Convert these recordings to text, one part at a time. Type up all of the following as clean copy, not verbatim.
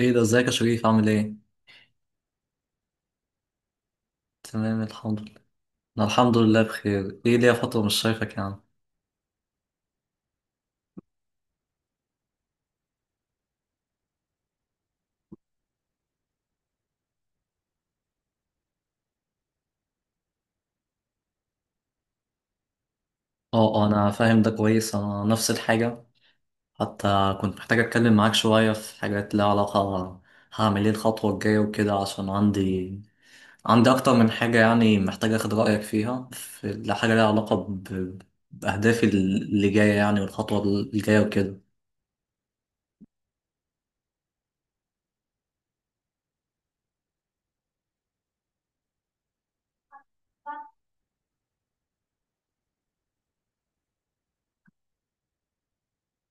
ايه ده، ازيك يا شريف؟ عامل ايه؟ تمام الحمد لله. انا الحمد لله بخير. ايه ليا فترة مش شايفك يعني. اه اه، انا فاهم ده كويس، انا نفس الحاجة. حتى كنت محتاج اتكلم معاك شوية في حاجات ليها علاقة. هعمل ايه الخطوة الجاية وكده؟ عشان عندي اكتر من حاجة يعني، محتاج اخد رأيك فيها، في حاجة ليها علاقة ب... بأهدافي اللي جاية يعني والخطوة الجاية وكده.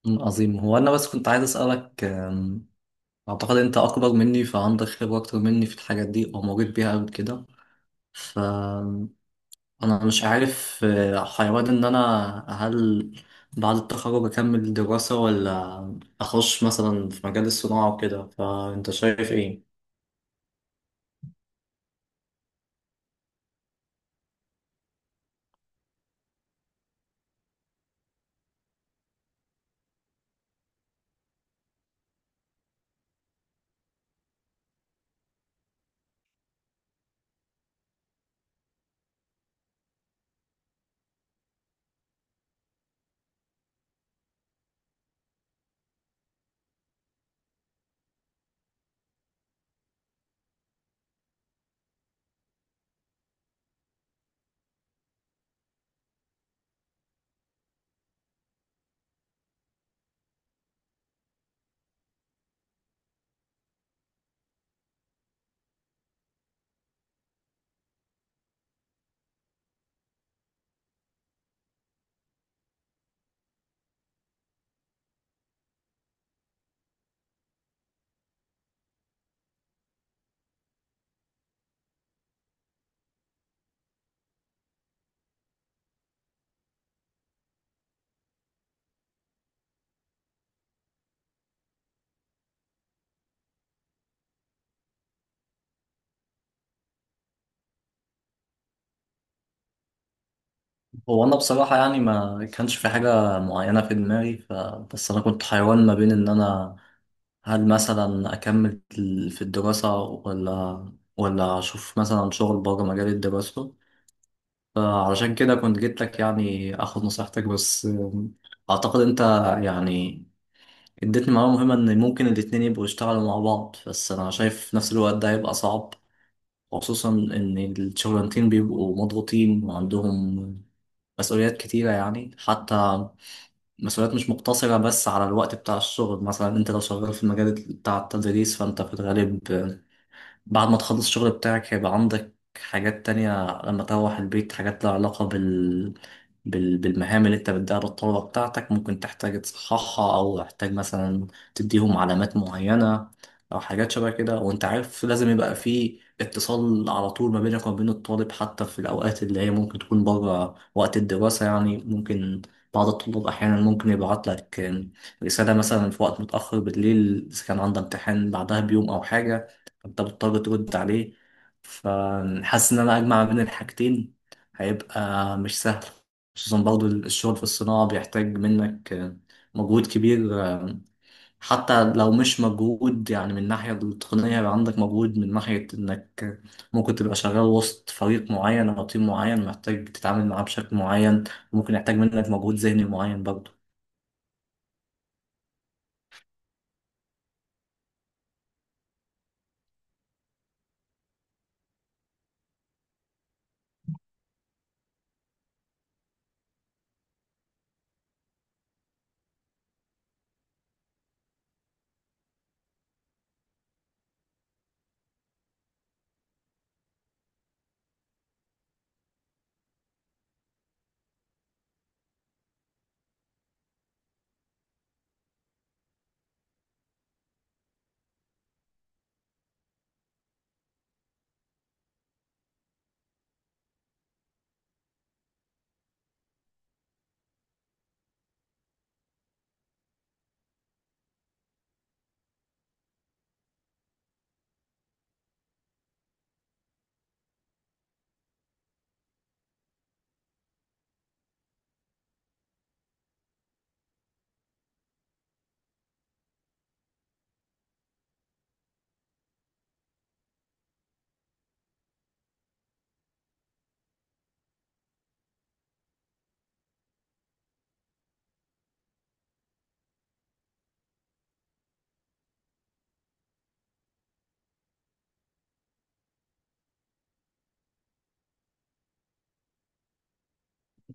عظيم. هو انا بس كنت عايز اسألك، أعتقد أنت أكبر مني فعندك خبرة أكتر مني في الحاجات دي أو مريت بيها قبل كده. فأنا مش عارف حيوان إن أنا، هل بعد التخرج أكمل دراسة، ولا أخش مثلا في مجال الصناعة وكده؟ فأنت شايف إيه؟ هو أنا بصراحة يعني ما كانش في حاجة معينة في دماغي، ف... بس أنا كنت حيوان ما بين إن أنا، هل مثلا أكمل في الدراسة، ولا أشوف مثلا شغل بره مجال الدراسة. فعلشان كده كنت جيت لك يعني اخد نصيحتك. بس اعتقد انت يعني اديتني معلومة مهمة، ان ممكن الاتنين يبقوا يشتغلوا مع بعض. بس انا شايف في نفس الوقت ده هيبقى صعب، خصوصا ان الشغلانتين بيبقوا مضغوطين وعندهم مسؤوليات كتيرة يعني. حتى مسؤوليات مش مقتصرة بس على الوقت بتاع الشغل. مثلا انت لو شغال في المجال بتاع التدريس، فانت في الغالب بعد ما تخلص الشغل بتاعك هيبقى عندك حاجات تانية لما تروح البيت، حاجات لها علاقة بال... بال... بالمهام اللي انت بتديها للطلبة بتاعتك، ممكن تحتاج تصححها، او تحتاج مثلا تديهم علامات معينة او حاجات شبه كده. وانت عارف لازم يبقى في اتصال على طول ما بينك وما بين الطالب، حتى في الاوقات اللي هي ممكن تكون بره وقت الدراسة. يعني ممكن بعض الطلاب احيانا ممكن يبعت لك رسالة مثلا في وقت متأخر بالليل اذا كان عندها امتحان بعدها بيوم او حاجة، انت بتضطر ترد عليه. فحاسس ان انا اجمع بين الحاجتين هيبقى مش سهل، خصوصا برضو الشغل في الصناعة بيحتاج منك مجهود كبير. حتى لو مش مجهود يعني من الناحية التقنية، يبقى عندك مجهود من ناحية انك ممكن تبقى شغال وسط فريق معين او تيم معين محتاج تتعامل معاه بشكل معين، وممكن يحتاج منك مجهود ذهني معين برضو.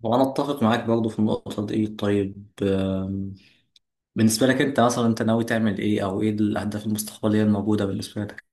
وانا اتفق معاك برضو في النقطة دي. طيب، بالنسبة لك انت، مثلا انت ناوي تعمل ايه، او ايه الاهداف المستقبلية الموجودة بالنسبة لك؟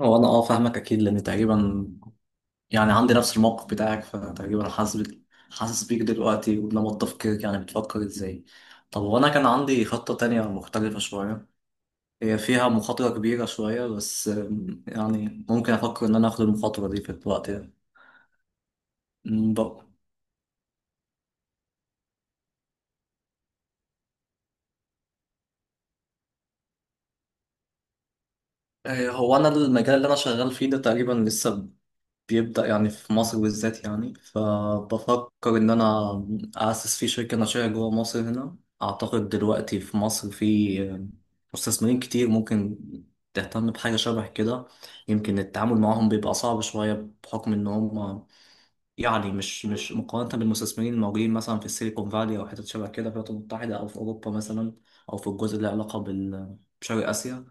هو انا اه فاهمك اكيد، لان تقريبا يعني عندي نفس الموقف بتاعك، فتقريبا حاسس بك، حاسس بيك دلوقتي ولما تفكيرك يعني بتفكر ازاي. طب وانا كان عندي خطة تانية مختلفة شوية، هي فيها مخاطرة كبيرة شوية، بس يعني ممكن افكر ان انا اخد المخاطرة دي في الوقت ده. ام، بق- اه، هو انا المجال اللي انا شغال فيه ده تقريبا لسه بيبدأ يعني في مصر بالذات يعني، فبفكر إن أنا أأسس فيه شركة ناشئة جوه مصر هنا. أعتقد دلوقتي في مصر في مستثمرين كتير ممكن تهتم بحاجة شبه كده. يمكن التعامل معاهم بيبقى صعب شوية بحكم إن هم يعني، مش مقارنة بالمستثمرين الموجودين مثلا في السيليكون فالي أو حتت شبه كده في الولايات المتحدة أو في أوروبا مثلا، أو في الجزء اللي له علاقة بال... بشرق آسيا.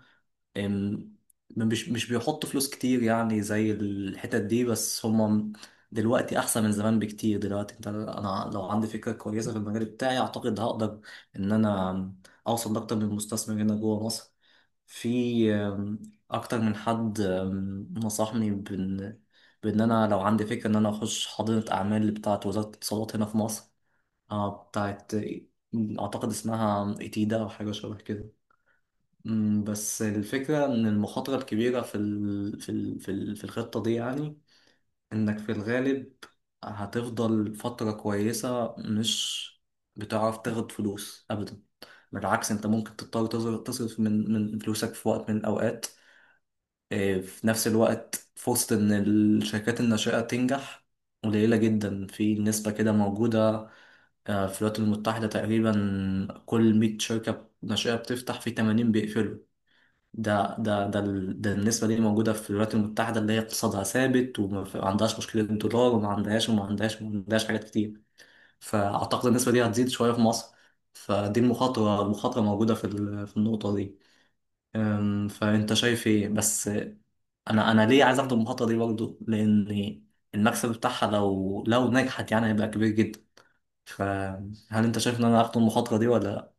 أم، مش بيحطوا فلوس كتير يعني زي الحتت دي. بس هم دلوقتي احسن من زمان بكتير. دلوقتي انت، انا لو عندي فكرة كويسة في المجال بتاعي اعتقد هقدر ان انا اوصل لاكتر من مستثمر هنا جوه مصر. في اكتر من حد نصحني بان انا لو عندي فكرة ان انا اخش حاضنة اعمال بتاعة وزارة الاتصالات هنا في مصر. آه، بتاعت، اعتقد اسمها ايتيدا او حاجة شبه كده. بس الفكرة إن المخاطرة الكبيرة في ال... في ال... في ال... في الخطة دي يعني، إنك في الغالب هتفضل فترة كويسة مش بتعرف تاخد فلوس أبدا، بالعكس أنت ممكن تضطر تصرف من من فلوسك في وقت من الأوقات. إيه، في نفس الوقت فرصة إن الشركات الناشئة تنجح قليلة جدا، في نسبة كده موجودة. آه، في الولايات المتحدة تقريبا كل 100 شركة ناشئة بتفتح في 80 بيقفلوا. ده النسبة دي موجودة في الولايات المتحدة اللي هي اقتصادها ثابت، ما عندهاش مشكلة دولار، وما عندهاش حاجات كتير. فأعتقد النسبة دي هتزيد شوية في مصر. فدي المخاطرة، المخاطرة موجودة في ال... في النقطة دي. فأنت شايف إيه؟ بس أنا، ليه عايز أخد المخاطرة دي برضه؟ لأن المكسب بتاعها لو نجحت يعني هيبقى كبير جدا. فهل أنت شايف إن أنا أخد المخاطرة دي ولا؟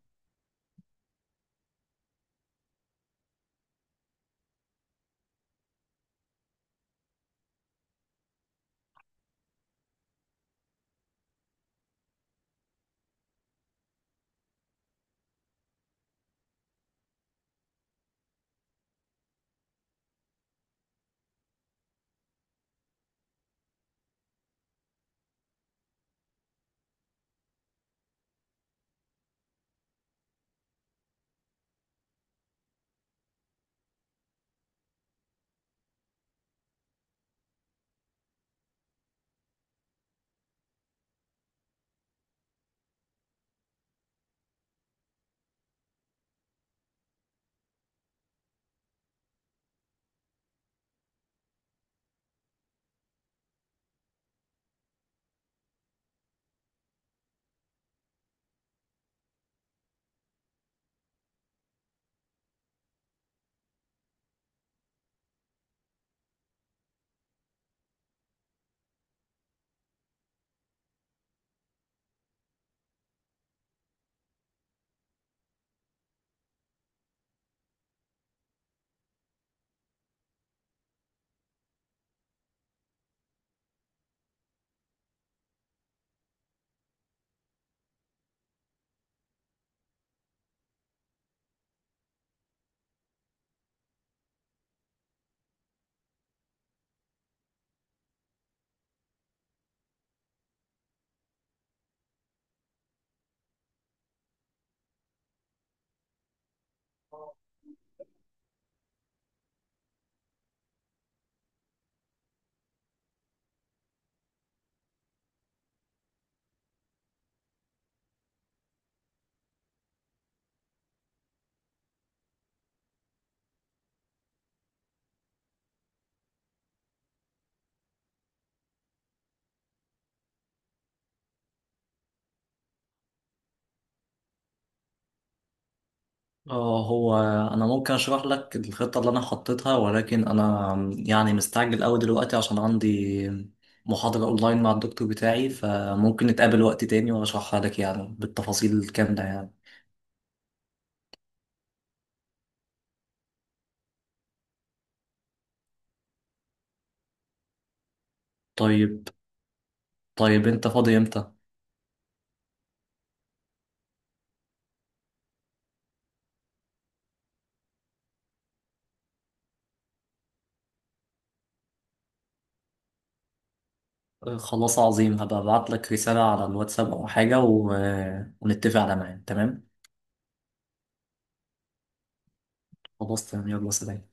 اه، هو انا ممكن اشرح لك الخطه اللي انا حطيتها، ولكن انا يعني مستعجل قوي دلوقتي عشان عندي محاضره اونلاين مع الدكتور بتاعي. فممكن نتقابل وقت تاني واشرحها لك يعني بالتفاصيل الكامله يعني. طيب، طيب انت فاضي امتى؟ آه، خلاص عظيم، هبقى ابعت لك رساله على الواتساب او حاجه، و... ونتفق على ميعاد. تمام. خلاص تمام، يلا سلام.